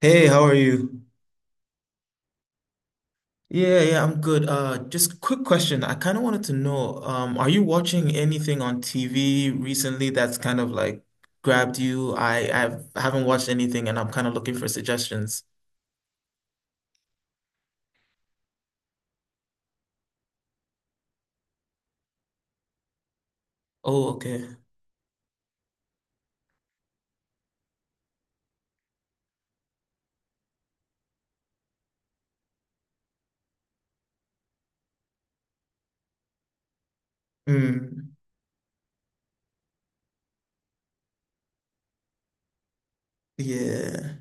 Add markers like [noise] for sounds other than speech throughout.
Hey, how are you? Yeah, yeah, I'm good. Just quick question. I kind of wanted to know, are you watching anything on TV recently that's kind of like grabbed you? I haven't watched anything and I'm kind of looking for suggestions. Oh, okay. Mm, yeah.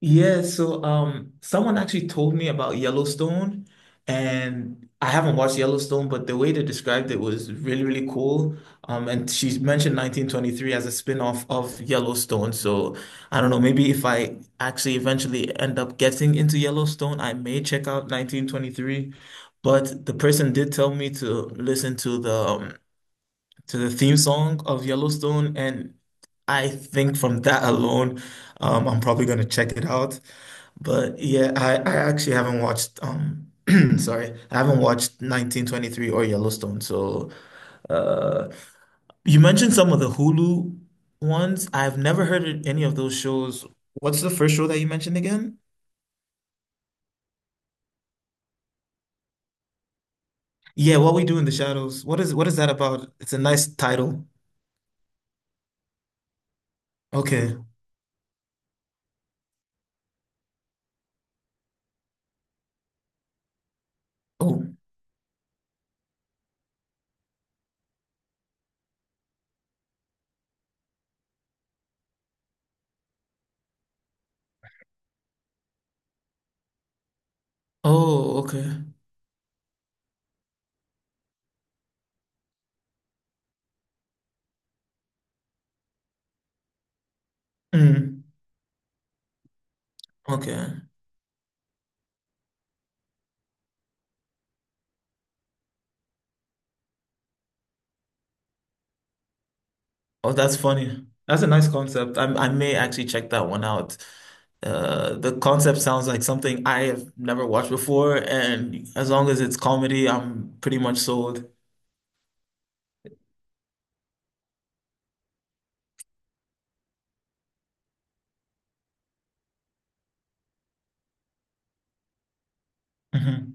Yeah, so someone actually told me about Yellowstone, and I haven't watched Yellowstone, but the way they described it was really, really cool. And she mentioned 1923 as a spin-off of Yellowstone. So I don't know, maybe if I actually eventually end up getting into Yellowstone, I may check out 1923. But the person did tell me to listen to the to the theme song of Yellowstone, and I think from that alone, I'm probably gonna check it out. But yeah, I actually haven't watched [clears throat] sorry, I haven't watched 1923 or Yellowstone. So uh you mentioned some of the Hulu ones. I've never heard of any of those shows. What's the first show that you mentioned again? Yeah, What We Do in the Shadows. What is that about? It's a nice title. Okay. Oh. Oh, okay. Mm. Okay. Oh, that's funny. That's a nice concept. I may actually check that one out. The concept sounds like something I have never watched before, and as long as it's comedy, I'm pretty much sold. Hmm.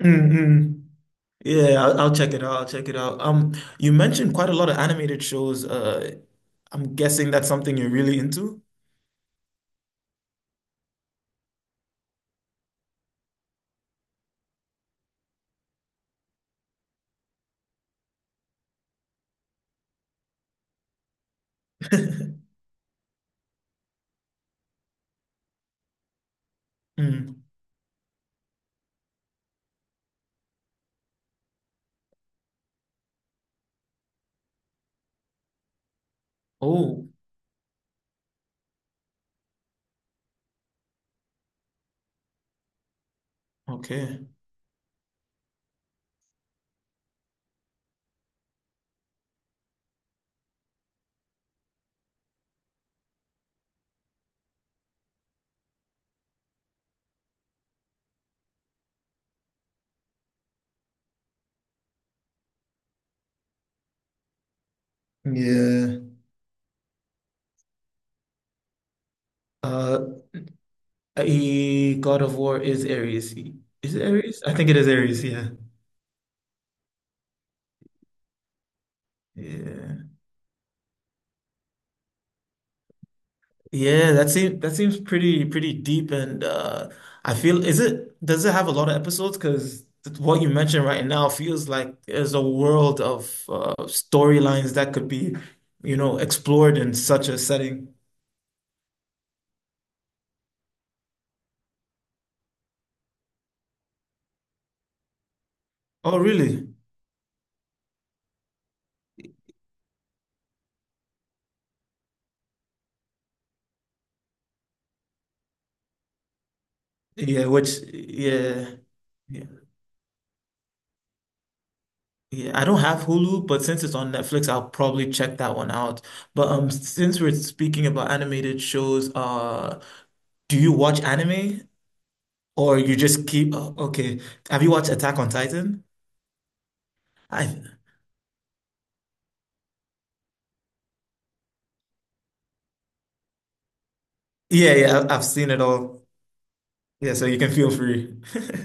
Mm. Yeah, I'll check it out. I'll check it out. You mentioned quite a lot of animated shows. I'm guessing that's something you're really into. [laughs] Mm. Oh, okay. Yeah. Uh, God of War is Ares. Is it Ares? I think it is Ares, yeah. Yeah. Yeah, that seems pretty pretty deep, and I feel is it does it have a lot of episodes? Because what you mentioned right now feels like there's a world of storylines that could be, you know, explored in such a setting. Oh, really? Yeah, which, yeah. Yeah. Yeah, I don't have Hulu, but since it's on Netflix, I'll probably check that one out. But since we're speaking about animated shows, do you watch anime? Or you just keep, oh, okay. Have you watched Attack on Titan? I, yeah, yeah, I've seen it all. Yeah, so you can feel free. [laughs]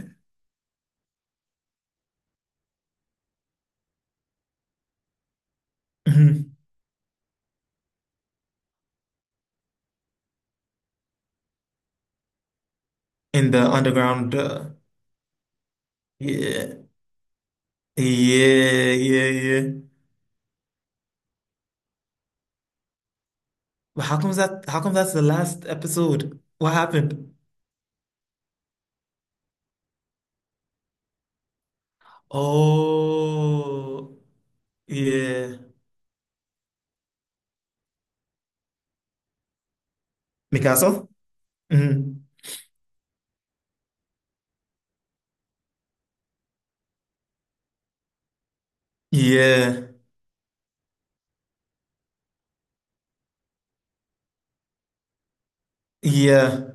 Mhm. In the underground, yeah, yeah, yeah, yeah. But how come that's the last episode? What happened? Oh, yeah. Mikasa? Mhm. Yeah, yeah.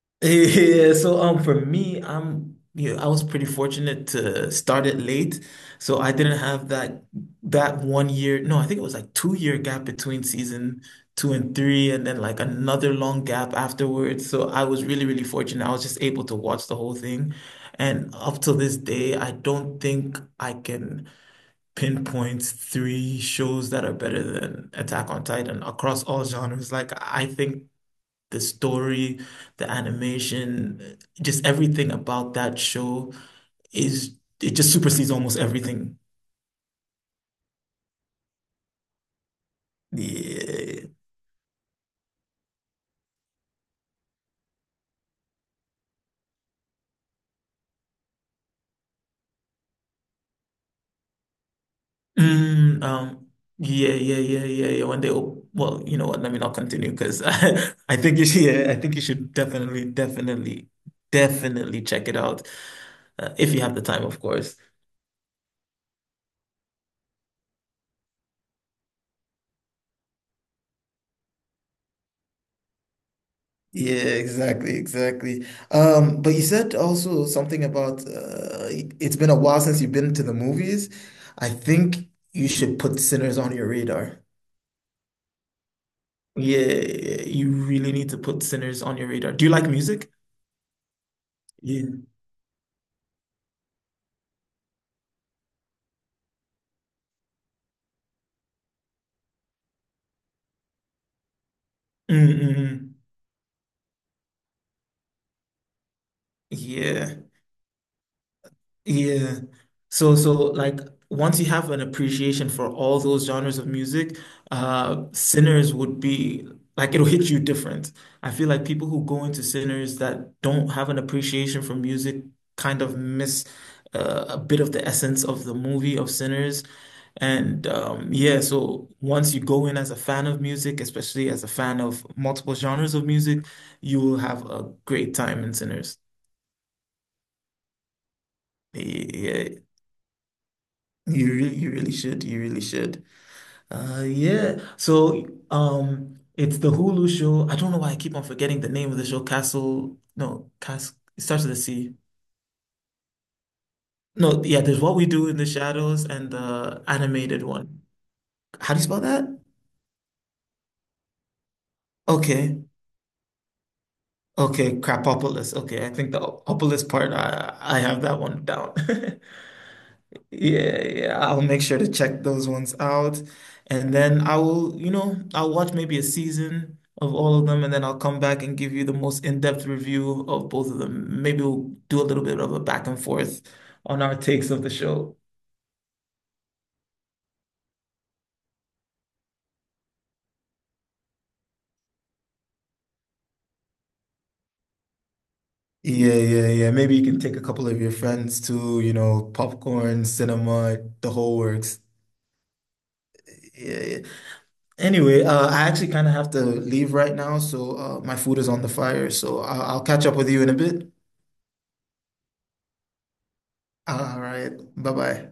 [laughs] Yeah, so for me, I'm yeah, I was pretty fortunate to start it late. So I didn't have that one year. No, I think it was like 2-year gap between season two and three, and then like another long gap afterwards. So I was really, really fortunate. I was just able to watch the whole thing. And up till this day, I don't think I can pinpoint three shows that are better than Attack on Titan across all genres. Like I think the story, the animation, just everything about that show is it just supersedes almost everything. Yeah. Mm, um, yeah, yeah, yeah, yeah, yeah. When they op well, you know what? Let me not continue because [laughs] I think you should, yeah, I think you should definitely, definitely, definitely check it out if you have the time, of course. Yeah, exactly, exactly. But you said also something about it's been a while since you've been to the movies. I think you should put Sinners on your radar. Yeah, you really need to put Sinners on your radar. Do you like music? Yeah. Mm-mm. Yeah. Yeah. So like once you have an appreciation for all those genres of music, Sinners would be like it'll hit you different. I feel like people who go into Sinners that don't have an appreciation for music kind of miss a bit of the essence of the movie of Sinners. And yeah, so once you go in as a fan of music, especially as a fan of multiple genres of music, you will have a great time in Sinners. Yeah. You really should. You really should. Yeah. So, it's the Hulu show. I don't know why I keep on forgetting the name of the show. Castle. No, Cast. It starts with a C. No, yeah. There's What We Do in the Shadows and the animated one. How do you spell that? Okay. Okay. Crapopolis. Okay. I think the opolis part. I have that one down. [laughs] Yeah, yeah, I'll make sure to check those ones out. And then I will, you know, I'll watch maybe a season of all of them, and then I'll come back and give you the most in-depth review of both of them. Maybe we'll do a little bit of a back and forth on our takes of the show. Yeah, yeah, yeah. Maybe you can take a couple of your friends to, you know, popcorn, cinema, the whole works. Yeah, yeah. Anyway, I actually kind of have to leave right now, so my food is on the fire. So I'll catch up with you in a bit. All right. Bye-bye.